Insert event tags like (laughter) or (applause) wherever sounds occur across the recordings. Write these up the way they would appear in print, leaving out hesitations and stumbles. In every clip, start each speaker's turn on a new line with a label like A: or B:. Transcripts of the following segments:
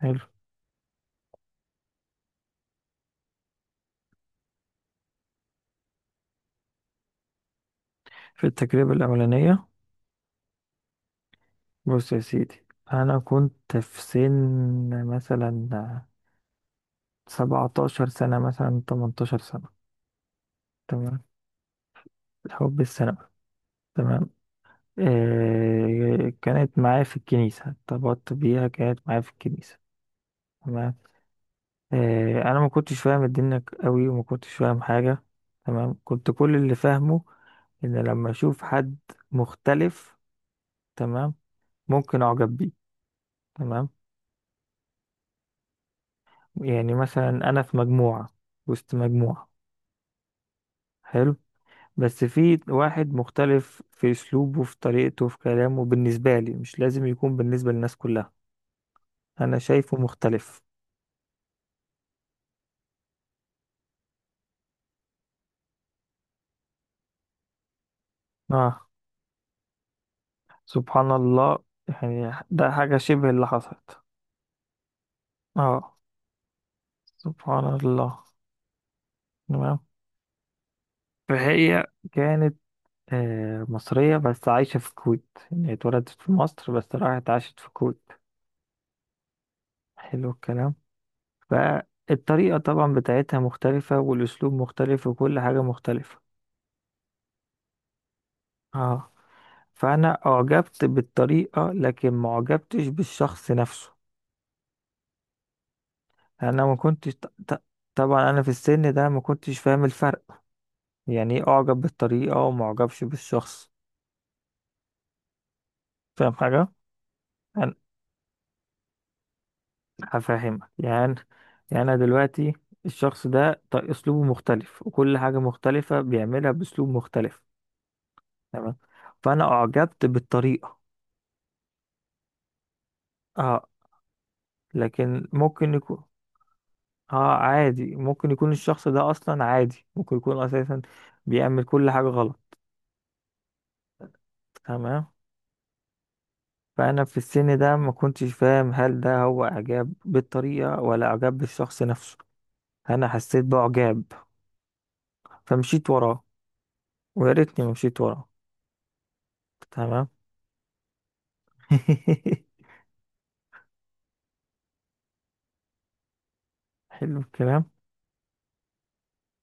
A: حلو. في التجربة الأولانية. بص يا سيدي، أنا كنت في سن مثلا 17 سنة، مثلا 18 سنة. تمام. الحب السنة. تمام. كانت معايا في الكنيسة، ارتبطت بيها، كانت معايا في الكنيسة. تمام. أنا ما كنتش فاهم الدنيا قوي وما كنتش فاهم حاجة. تمام، كنت كل اللي فاهمه إن لما أشوف حد مختلف، تمام، ممكن أعجب بيه. تمام. يعني مثلا انا في مجموعة، وسط مجموعة. حلو. بس في واحد مختلف في اسلوبه، في طريقته، في كلامه، بالنسبة لي مش لازم يكون بالنسبة للناس كلها، انا شايفه مختلف. اه، سبحان الله. يعني ده حاجة شبه اللي حصلت. اه. سبحان الله. تمام. فهي كانت مصرية بس عايشة في الكويت، يعني اتولدت في مصر بس راحت عاشت في الكويت. حلو الكلام. فالطريقة طبعا بتاعتها مختلفة، والأسلوب مختلف، وكل حاجة مختلفة. اه. فأنا أعجبت بالطريقة لكن ما أعجبتش بالشخص نفسه. أنا ما كنتش طبعا أنا في السن ده ما كنتش فاهم الفرق. يعني إيه أعجب بالطريقة وما أعجبش بالشخص؟ فاهم حاجة؟ أنا هفهمك يعني. يعني أنا دلوقتي الشخص ده أسلوبه مختلف، وكل حاجة مختلفة بيعملها بأسلوب مختلف. تمام. فأنا أعجبت بالطريقة. اه. لكن ممكن يكون، اه، عادي. ممكن يكون الشخص ده اصلا عادي، ممكن يكون اساسا بيعمل كل حاجة غلط. تمام. فانا في السن ده ما كنتش فاهم هل ده هو اعجاب بالطريقة ولا اعجاب بالشخص نفسه. انا حسيت باعجاب، فمشيت وراه، ويا ريتني ما مشيت وراه. تمام. (laughs) حلو الكلام.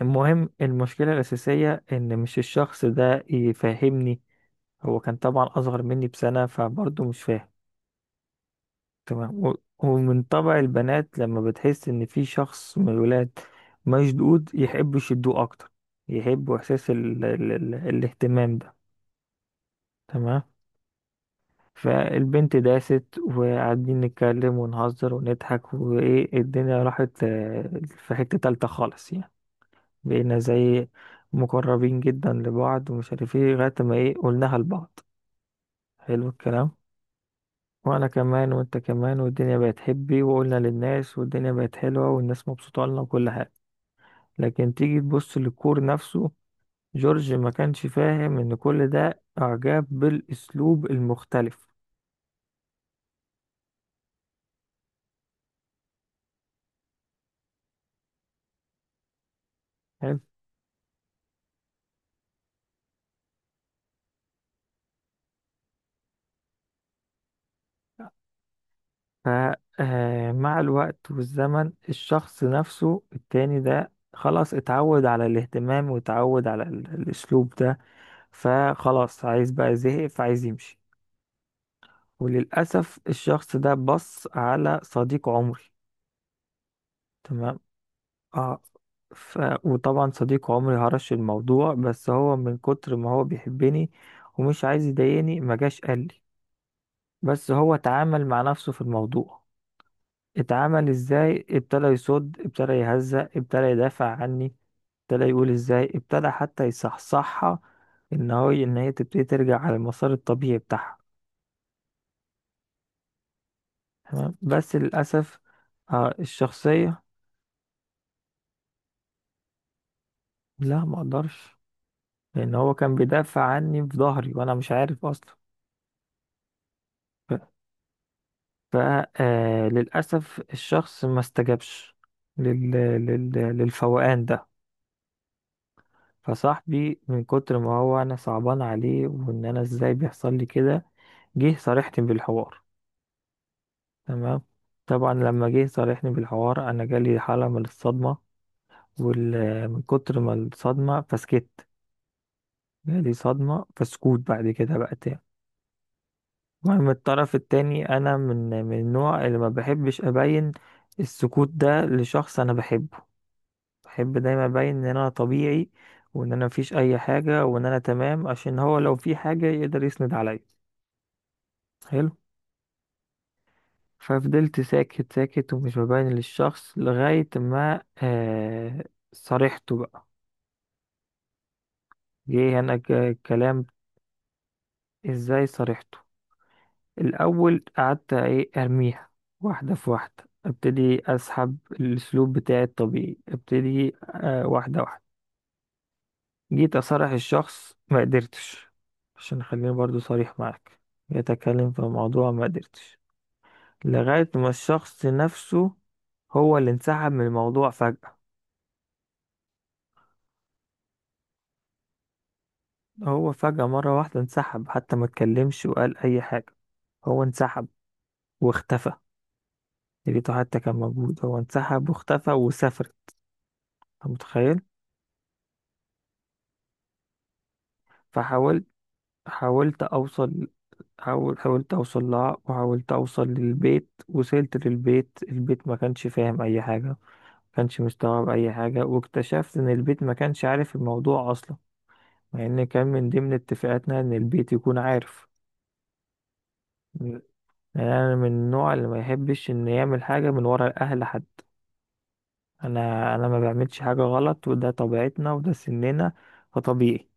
A: المهم، المشكلة الأساسية إن مش الشخص ده يفهمني، هو كان طبعا أصغر مني بسنة فبرضه مش فاهم. تمام. ومن طبع البنات لما بتحس ان في شخص من الولاد مشدود، يحبوا يشدوه اكتر، يحبوا احساس ال ال ال الاهتمام ده. تمام. فالبنت داست، وقاعدين نتكلم ونهزر ونضحك وايه، الدنيا راحت في حتة تالتة خالص، يعني بقينا زي مقربين جدا لبعض ومش عارف ايه، لغاية ما ايه قلناها لبعض. حلو الكلام. وانا كمان وانت كمان، والدنيا بقت حبي، وقلنا للناس، والدنيا بقت حلوة، والناس مبسوطة لنا وكل حاجة. لكن تيجي تبص للكور نفسه، جورج ما كانش فاهم ان كل ده اعجاب بالاسلوب المختلف. حلو. ف مع الوقت والزمن، الشخص نفسه التاني ده خلاص اتعود على الاهتمام، واتعود على الاسلوب ده. فخلاص عايز بقى، زهق، فعايز يمشي. وللأسف الشخص ده بص على صديق عمري. تمام. آه. ف... وطبعا صديق عمري هرش الموضوع، بس هو من كتر ما هو بيحبني ومش عايز يضايقني ما جاش قال لي. بس هو اتعامل مع نفسه في الموضوع. اتعامل ازاي؟ ابتدى يصد، ابتدى يهزأ، ابتدى يدافع عني، ابتدى يقول ازاي، ابتدى حتى يصحصحها ان هو، ان هي تبتدي ترجع على المسار الطبيعي بتاعها. تمام. بس للاسف، آه الشخصيه، لا ما اقدرش، لان هو كان بيدافع عني في ظهري وانا مش عارف اصلا. فللأسف الشخص ما استجابش لل... للفوقان ده. فصاحبي من كتر ما هو أنا صعبان عليه، وإن أنا إزاي بيحصل لي كده، جه صارحني بالحوار. تمام. طبعا لما جه صارحني بالحوار، أنا جالي حالة من الصدمة. وال... من كتر ما الصدمة فسكت. جالي صدمة فسكوت بعد كده بقى تاني. المهم الطرف التاني، أنا من النوع اللي ما بحبش أبين السكوت ده لشخص أنا بحبه. بحب دايما ابين ان انا طبيعي، وان انا مفيش اي حاجه، وان انا تمام، عشان هو لو في حاجه يقدر يسند عليا. حلو. ففضلت ساكت ساكت ومش ببين للشخص، لغايه ما آه صارحته بقى، جه هنا الكلام. ازاي صارحته؟ الاول قعدت ايه، ارميها واحده في واحده، ابتدي اسحب الاسلوب بتاعي الطبيعي، ابتدي آه واحده واحده. جيت أصارح الشخص، ما قدرتش. عشان خليني برضو صريح معاك، يتكلم في موضوع ما قدرتش. لغاية ما الشخص نفسه هو اللي انسحب من الموضوع فجأة. هو فجأة مرة واحدة انسحب، حتى ما اتكلمش وقال أي حاجة. هو انسحب واختفى. لقيته حتى كان موجود، هو انسحب واختفى وسافر. أنت متخيل؟ فحاولت، حاولت أوصل حاولت أوصل لها، وحاولت أوصل للبيت. وصلت للبيت، البيت ما كانش فاهم أي حاجة، كانش مستوعب اي حاجه. واكتشفت ان البيت ما كانش عارف الموضوع اصلا، مع ان كان من ضمن اتفاقاتنا ان البيت يكون عارف. يعني انا من النوع اللي ما يحبش ان يعمل حاجه من ورا الاهل حد. انا ما بعملش حاجه غلط، وده طبيعتنا وده سننا، فطبيعي.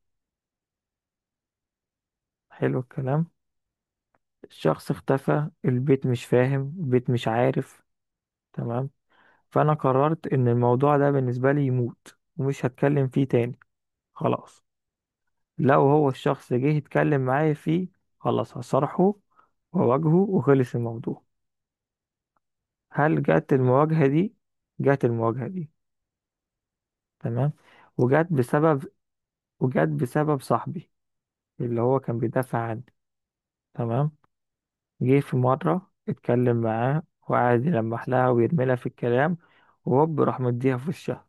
A: حلو الكلام. الشخص اختفى، البيت مش فاهم، البيت مش عارف. تمام. فانا قررت ان الموضوع ده بالنسبه لي يموت، ومش هتكلم فيه تاني. خلاص. لو هو الشخص جه يتكلم معايا فيه، خلاص هصارحه وأواجهه وخلص الموضوع. هل جت المواجهة دي؟ جت المواجهة دي. تمام. وجت بسبب وجت بسبب صاحبي اللي هو كان بيدافع عني. تمام. جه في مرة اتكلم معاه، وقعد يلمح لها ويرمي لها في الكلام، وهوب راح مديها في وشها.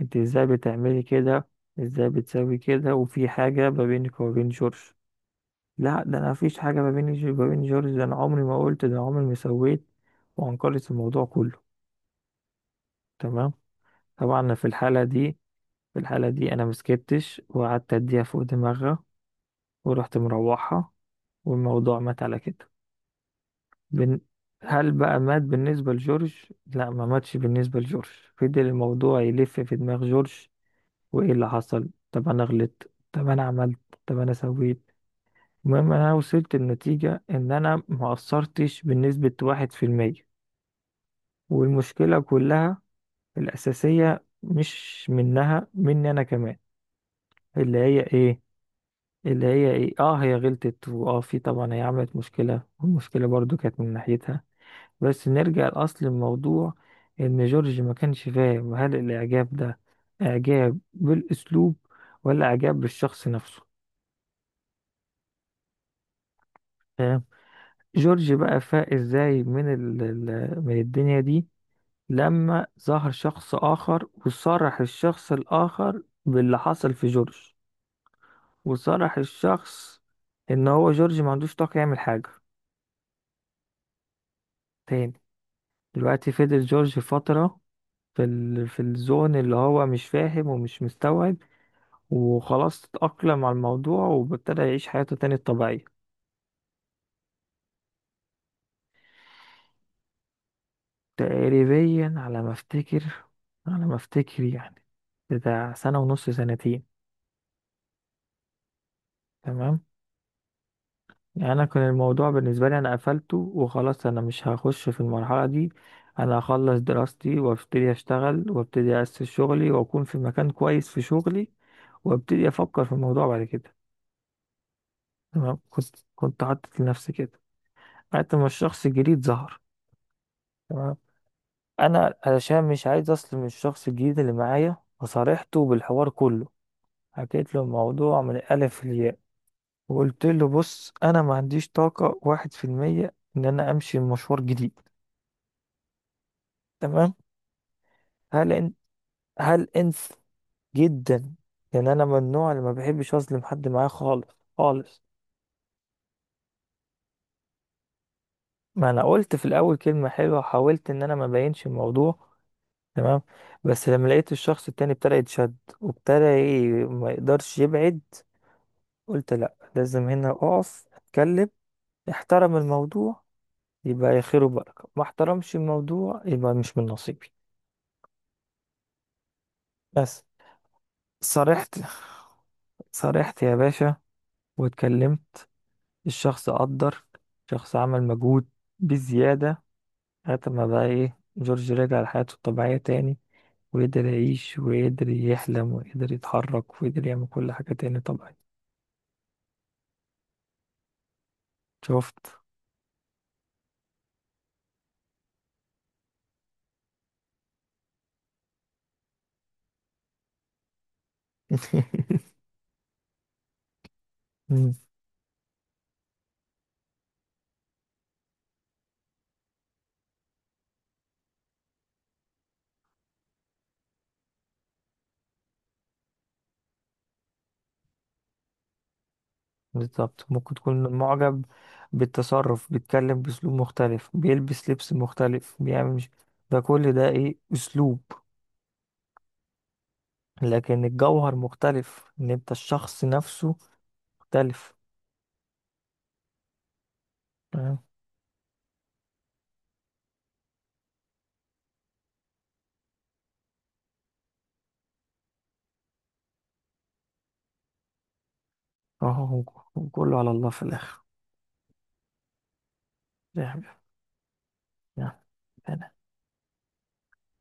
A: انت ازاي بتعملي كده؟ ازاي بتسوي كده؟ وفي حاجة ما بينك وما بين جورج؟ لا، ده انا مفيش حاجه ما بيني وما بين جورج، ده انا عمري ما قلت، ده عمري ما سويت. وانكرت الموضوع كله. تمام. طبعا أنا في الحاله دي، انا مسكتش وقعدت اديها فوق دماغها، ورحت مروحها، والموضوع مات على كده. بن... هل بقى مات بالنسبه لجورج؟ لا، ما ماتش بالنسبه لجورج. فضل الموضوع يلف في دماغ جورج، وايه اللي حصل، طب انا غلطت، طب انا عملت، طب انا سويت. المهم انا وصلت لنتيجة ان انا ما قصرتش بنسبة 1%، والمشكلة كلها الاساسية مش منها، مني انا كمان. اللي هي ايه اللي هي ايه؟ اه، هي غلطت، واه في طبعا هي عملت مشكلة، والمشكلة برضو كانت من ناحيتها. بس نرجع لاصل الموضوع، ان جورج ما كانش فاهم هل الاعجاب ده اعجاب بالاسلوب ولا اعجاب بالشخص نفسه. فاهم؟ جورج بقى فاق ازاي من من الدنيا دي؟ لما ظهر شخص آخر، وصرح الشخص الآخر باللي حصل في جورج، وصرح الشخص إن هو جورج ما عندوش طاقة يعمل حاجة تاني. دلوقتي فضل جورج فترة في في الزون اللي هو مش فاهم ومش مستوعب، وخلاص اتأقلم على الموضوع وابتدى يعيش حياته تاني الطبيعية. تقريبا على ما افتكر، على ما افتكر يعني، بتاع سنة ونص، سنتين. تمام. يعني انا كان الموضوع بالنسبه لي انا قفلته وخلاص، انا مش هخش في المرحله دي، انا هخلص دراستي وابتدي اشتغل وابتدي اسس شغلي واكون في مكان كويس في شغلي، وابتدي افكر في الموضوع بعد كده. تمام. كنت حاطط لنفسي كده، لغايه ما الشخص الجديد ظهر. تمام. انا علشان مش عايز اظلم الشخص الجديد اللي معايا، فصارحته بالحوار كله، حكيت له الموضوع من الالف للياء. وقلت له بص، انا ما عنديش طاقه 1% ان انا امشي مشوار جديد. تمام. هل انت هل انت جدا. يعني انا من النوع اللي ما بحبش اظلم حد معايا خالص، خالص. ما انا قلت في الاول كلمه حلوه، وحاولت ان انا ما بينش الموضوع. تمام. بس لما لقيت الشخص التاني ابتدى يتشد، وابتدى ما يقدرش يبعد، قلت لا، لازم هنا اقف اتكلم، احترم الموضوع يبقى يا خير وبركه، ما احترمش الموضوع يبقى مش من نصيبي. بس صرحت، يا باشا، واتكلمت. الشخص قدر، شخص عمل مجهود بزيادة، لغاية ما بقى إيه، جورج رجع لحياته الطبيعية تاني، وقدر يعيش وقدر يحلم وقدر يتحرك وقدر يعمل كل حاجة تاني طبيعي. شفت. (laughs) مم. بالظبط ممكن تكون معجب بالتصرف، بيتكلم بأسلوب مختلف، بيلبس لبس مختلف، بيعمل مش، ده كل ده إيه؟ أسلوب. لكن الجوهر مختلف، إن أنت الشخص نفسه مختلف. تمام؟ أهو. كله على الله في الآخر. ريحة. يلا.